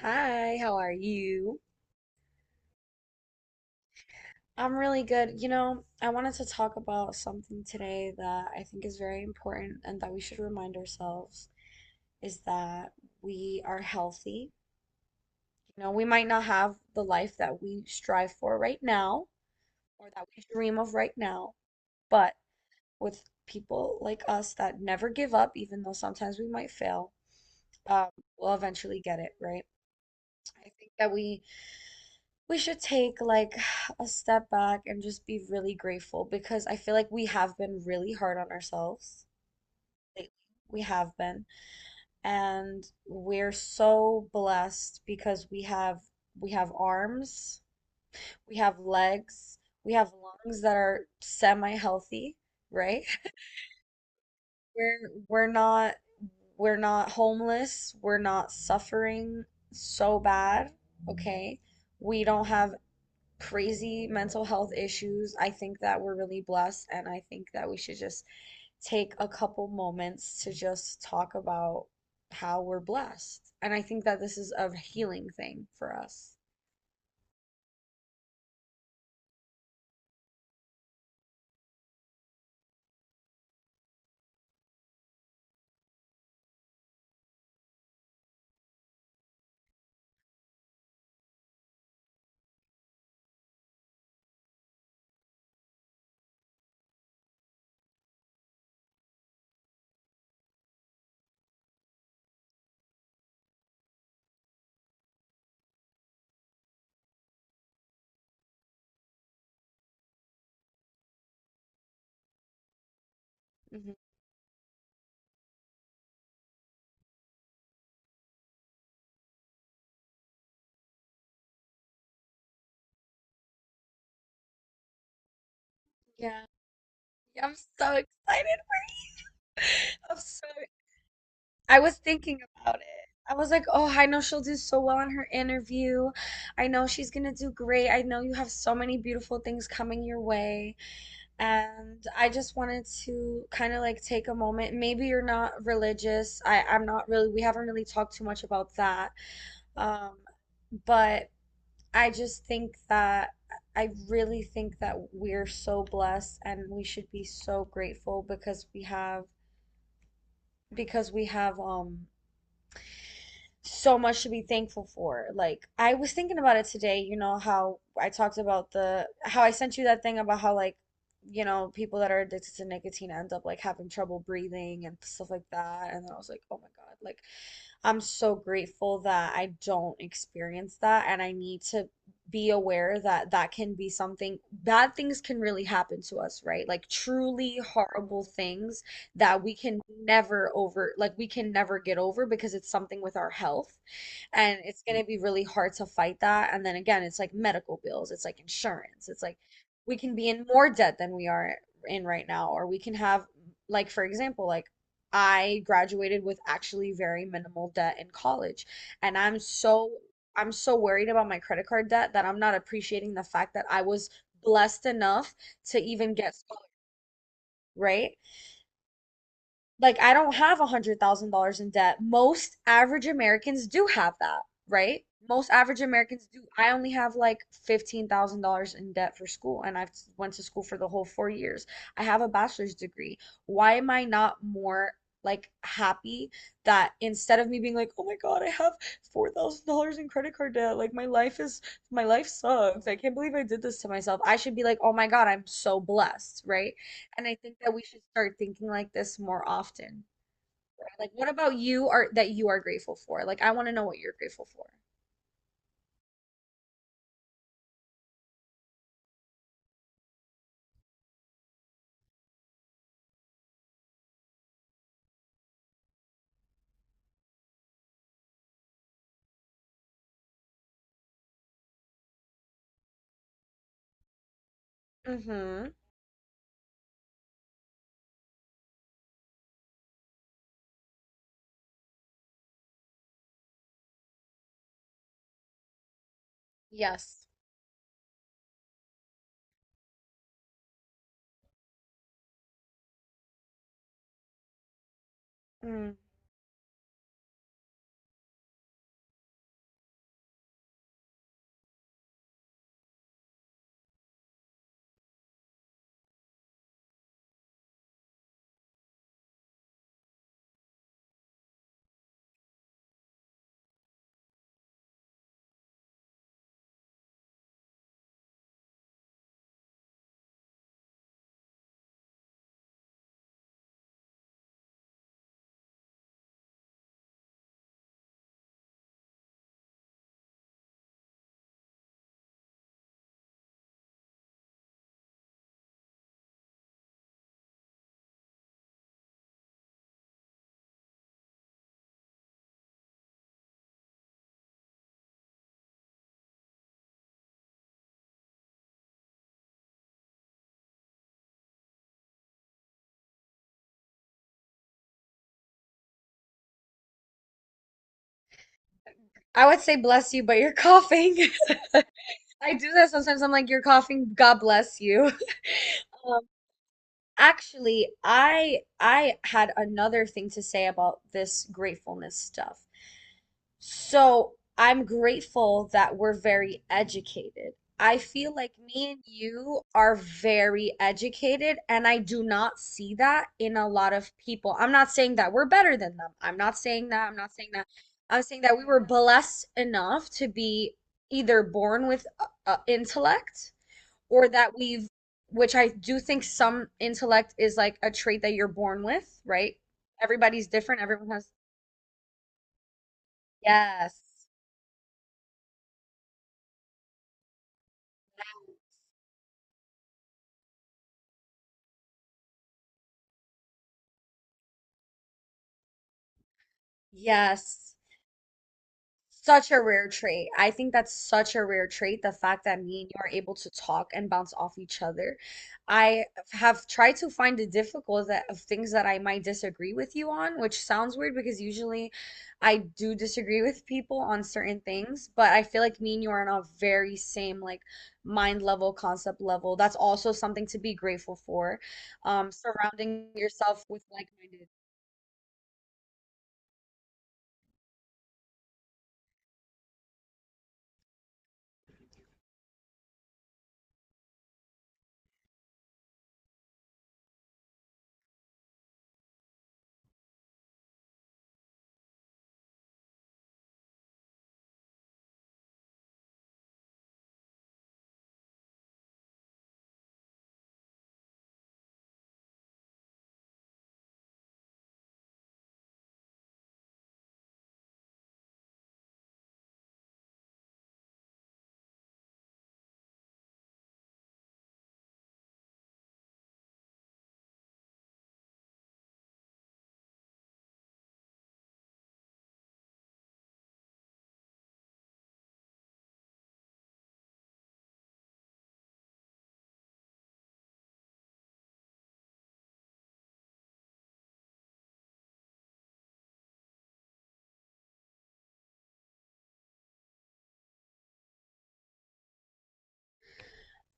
Hi, how are you? I'm really good. You know, I wanted to talk about something today that I think is very important and that we should remind ourselves is that we are healthy. You know, we might not have the life that we strive for right now or that we dream of right now, but with people like us that never give up, even though sometimes we might fail, um, we'll eventually get it, right? I think that we should take like a step back and just be really grateful because I feel like we have been really hard on ourselves lately. We have been. And we're so blessed because we have arms, we have legs, we have lungs that are semi-healthy, right? We're we're not we're not homeless, we're not suffering so bad, okay? We don't have crazy mental health issues. I think that we're really blessed, and I think that we should just take a couple moments to just talk about how we're blessed. And I think that this is a healing thing for us. Mhm. Yeah. Yeah, I'm so excited. I'm so I was thinking about it. I was like, oh, I know she'll do so well in her interview. I know she's gonna do great. I know you have so many beautiful things coming your way. And I just wanted to kind of like take a moment. Maybe you're not religious. I'm not really, we haven't really talked too much about that. Um, but I just think that I really think that we're so blessed and we should be so grateful because we have so much to be thankful for. Like, I was thinking about it today, you know, how I talked about the, how I sent you that thing about how, like, you know, people that are addicted to nicotine end up like having trouble breathing and stuff like that. And then I was like, oh my God, like, I'm so grateful that I don't experience that. And I need to be aware that that can be something, bad things can really happen to us, right? Like, truly horrible things that we can never over, like, we can never get over because it's something with our health, and it's going to be really hard to fight that. And then again, it's like medical bills, it's like insurance, it's like we can be in more debt than we are in right now, or we can have, like, for example, like, I graduated with actually very minimal debt in college, and I'm so worried about my credit card debt that I'm not appreciating the fact that I was blessed enough to even get scholar, right? Like, I don't have $100,000 in debt. Most average Americans do have that, right? Most average Americans do. I only have like $15,000 in debt for school, and I've went to school for the whole 4 years. I have a bachelor's degree. Why am I not more like happy, that instead of me being like, oh my God, I have $4,000 in credit card debt, like my life sucks. I can't believe I did this to myself. I should be like, oh my God, I'm so blessed, right? And I think that we should start thinking like this more often, right? Like, what about you are that you are grateful for? Like, I want to know what you're grateful for. Mm-hmm. Yes. Mm. I would say bless you, but you're coughing. I do that sometimes. I'm like, you're coughing. God bless you. Um, actually, I had another thing to say about this gratefulness stuff. So I'm grateful that we're very educated. I feel like me and you are very educated, and I do not see that in a lot of people. I'm not saying that we're better than them. I'm not saying that. I'm not saying that. I'm saying that we were blessed enough to be either born with intellect, or that we've, which I do think some intellect is like a trait that you're born with, right? Everybody's different. Everyone has, yes, yes. Such a rare trait. I think that's such a rare trait, the fact that me and you are able to talk and bounce off each other. I have tried to find the difficult that, of things that I might disagree with you on, which sounds weird because usually I do disagree with people on certain things, but I feel like me and you are on a very same like mind level, concept level. That's also something to be grateful for. Surrounding yourself with like-minded.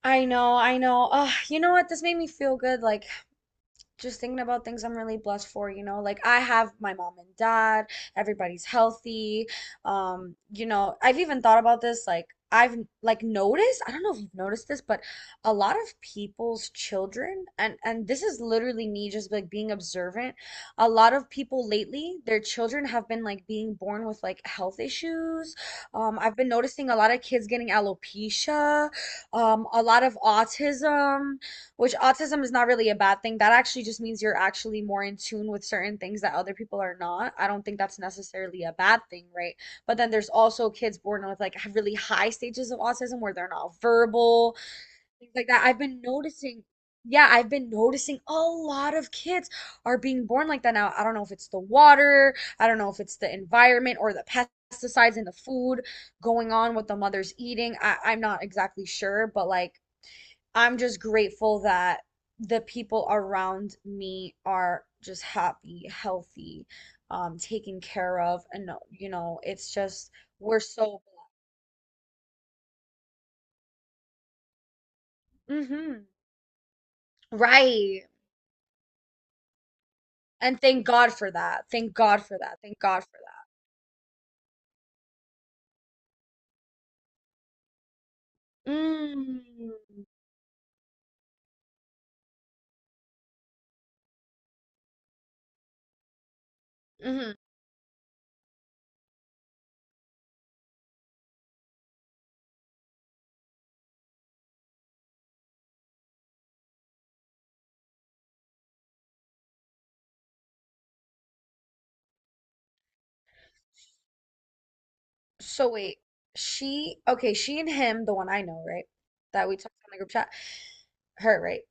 I know, I know. Ugh, you know what? This made me feel good. Like just thinking about things I'm really blessed for, you know, like I have my mom and dad, everybody's healthy. You know, I've even thought about this, like I've like noticed, I don't know if you've noticed this, but a lot of people's children, and this is literally me just like being observant, a lot of people lately, their children have been like being born with like health issues. I've been noticing a lot of kids getting alopecia, a lot of autism, which autism is not really a bad thing. That actually just means you're actually more in tune with certain things that other people are not. I don't think that's necessarily a bad thing, right? But then there's also kids born with like really high stages of autism where they're not verbal, things like that. I've been noticing, yeah, I've been noticing a lot of kids are being born like that now. I don't know if it's the water, I don't know if it's the environment or the pesticides in the food going on, what the mother's eating. I'm not exactly sure, but like I'm just grateful that the people around me are just happy, healthy, taken care of, and you know, it's just we're so. Mhm. Right. And thank God for that. Thank God for that. Thank God for that. Mm. Hmm. So wait, she, okay, she and him, the one I know, right? That we talked on the group chat. Her, right?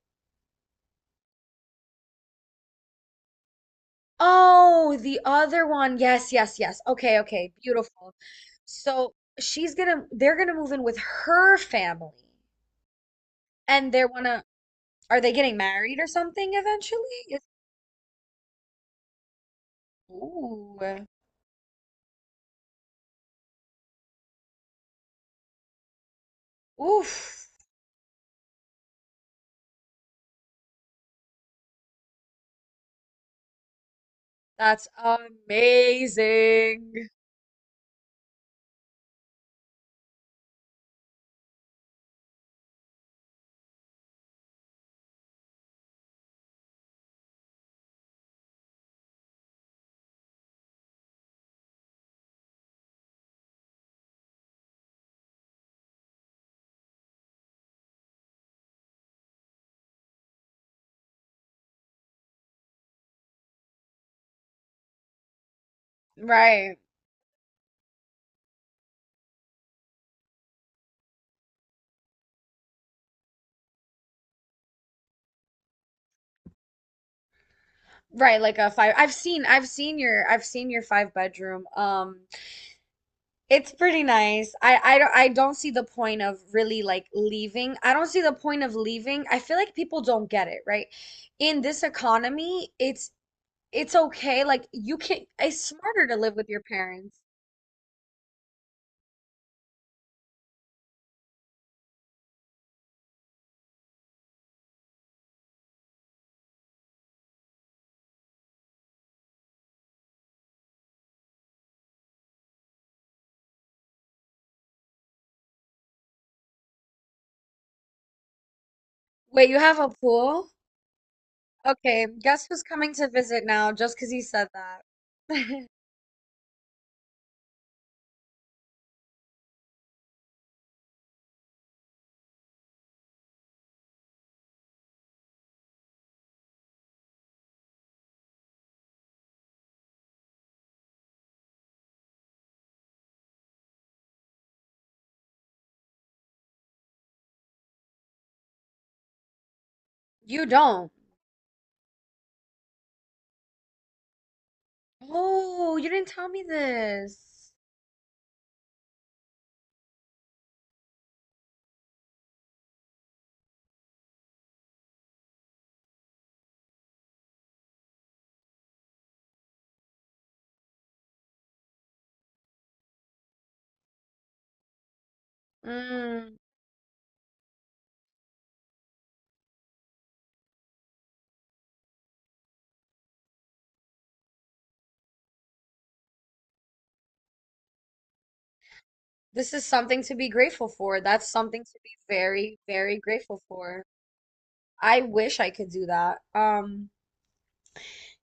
Oh, the other one. Yes, yes, yes. Okay, okay. Beautiful. So they're gonna move in with her family, and they wanna, are they getting married or something eventually? Is, ooh, oof, that's amazing. Right, right. Like a five. I've seen your five bedroom. It's pretty nice. I don't see the point of really like leaving. I don't see the point of leaving. I feel like people don't get it, right? In this economy, it's okay. Like you can, it's smarter to live with your parents. Wait, you have a pool? Okay, guess who's coming to visit now just 'cause he said that. You don't. Oh, you didn't tell me this. Mm, this is something to be grateful for. That's something to be very, very grateful for. I wish I could do that.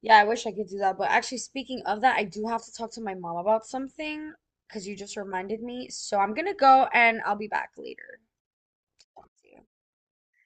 Yeah, I wish I could do that. But actually, speaking of that, I do have to talk to my mom about something because you just reminded me. So I'm gonna go and I'll be back later.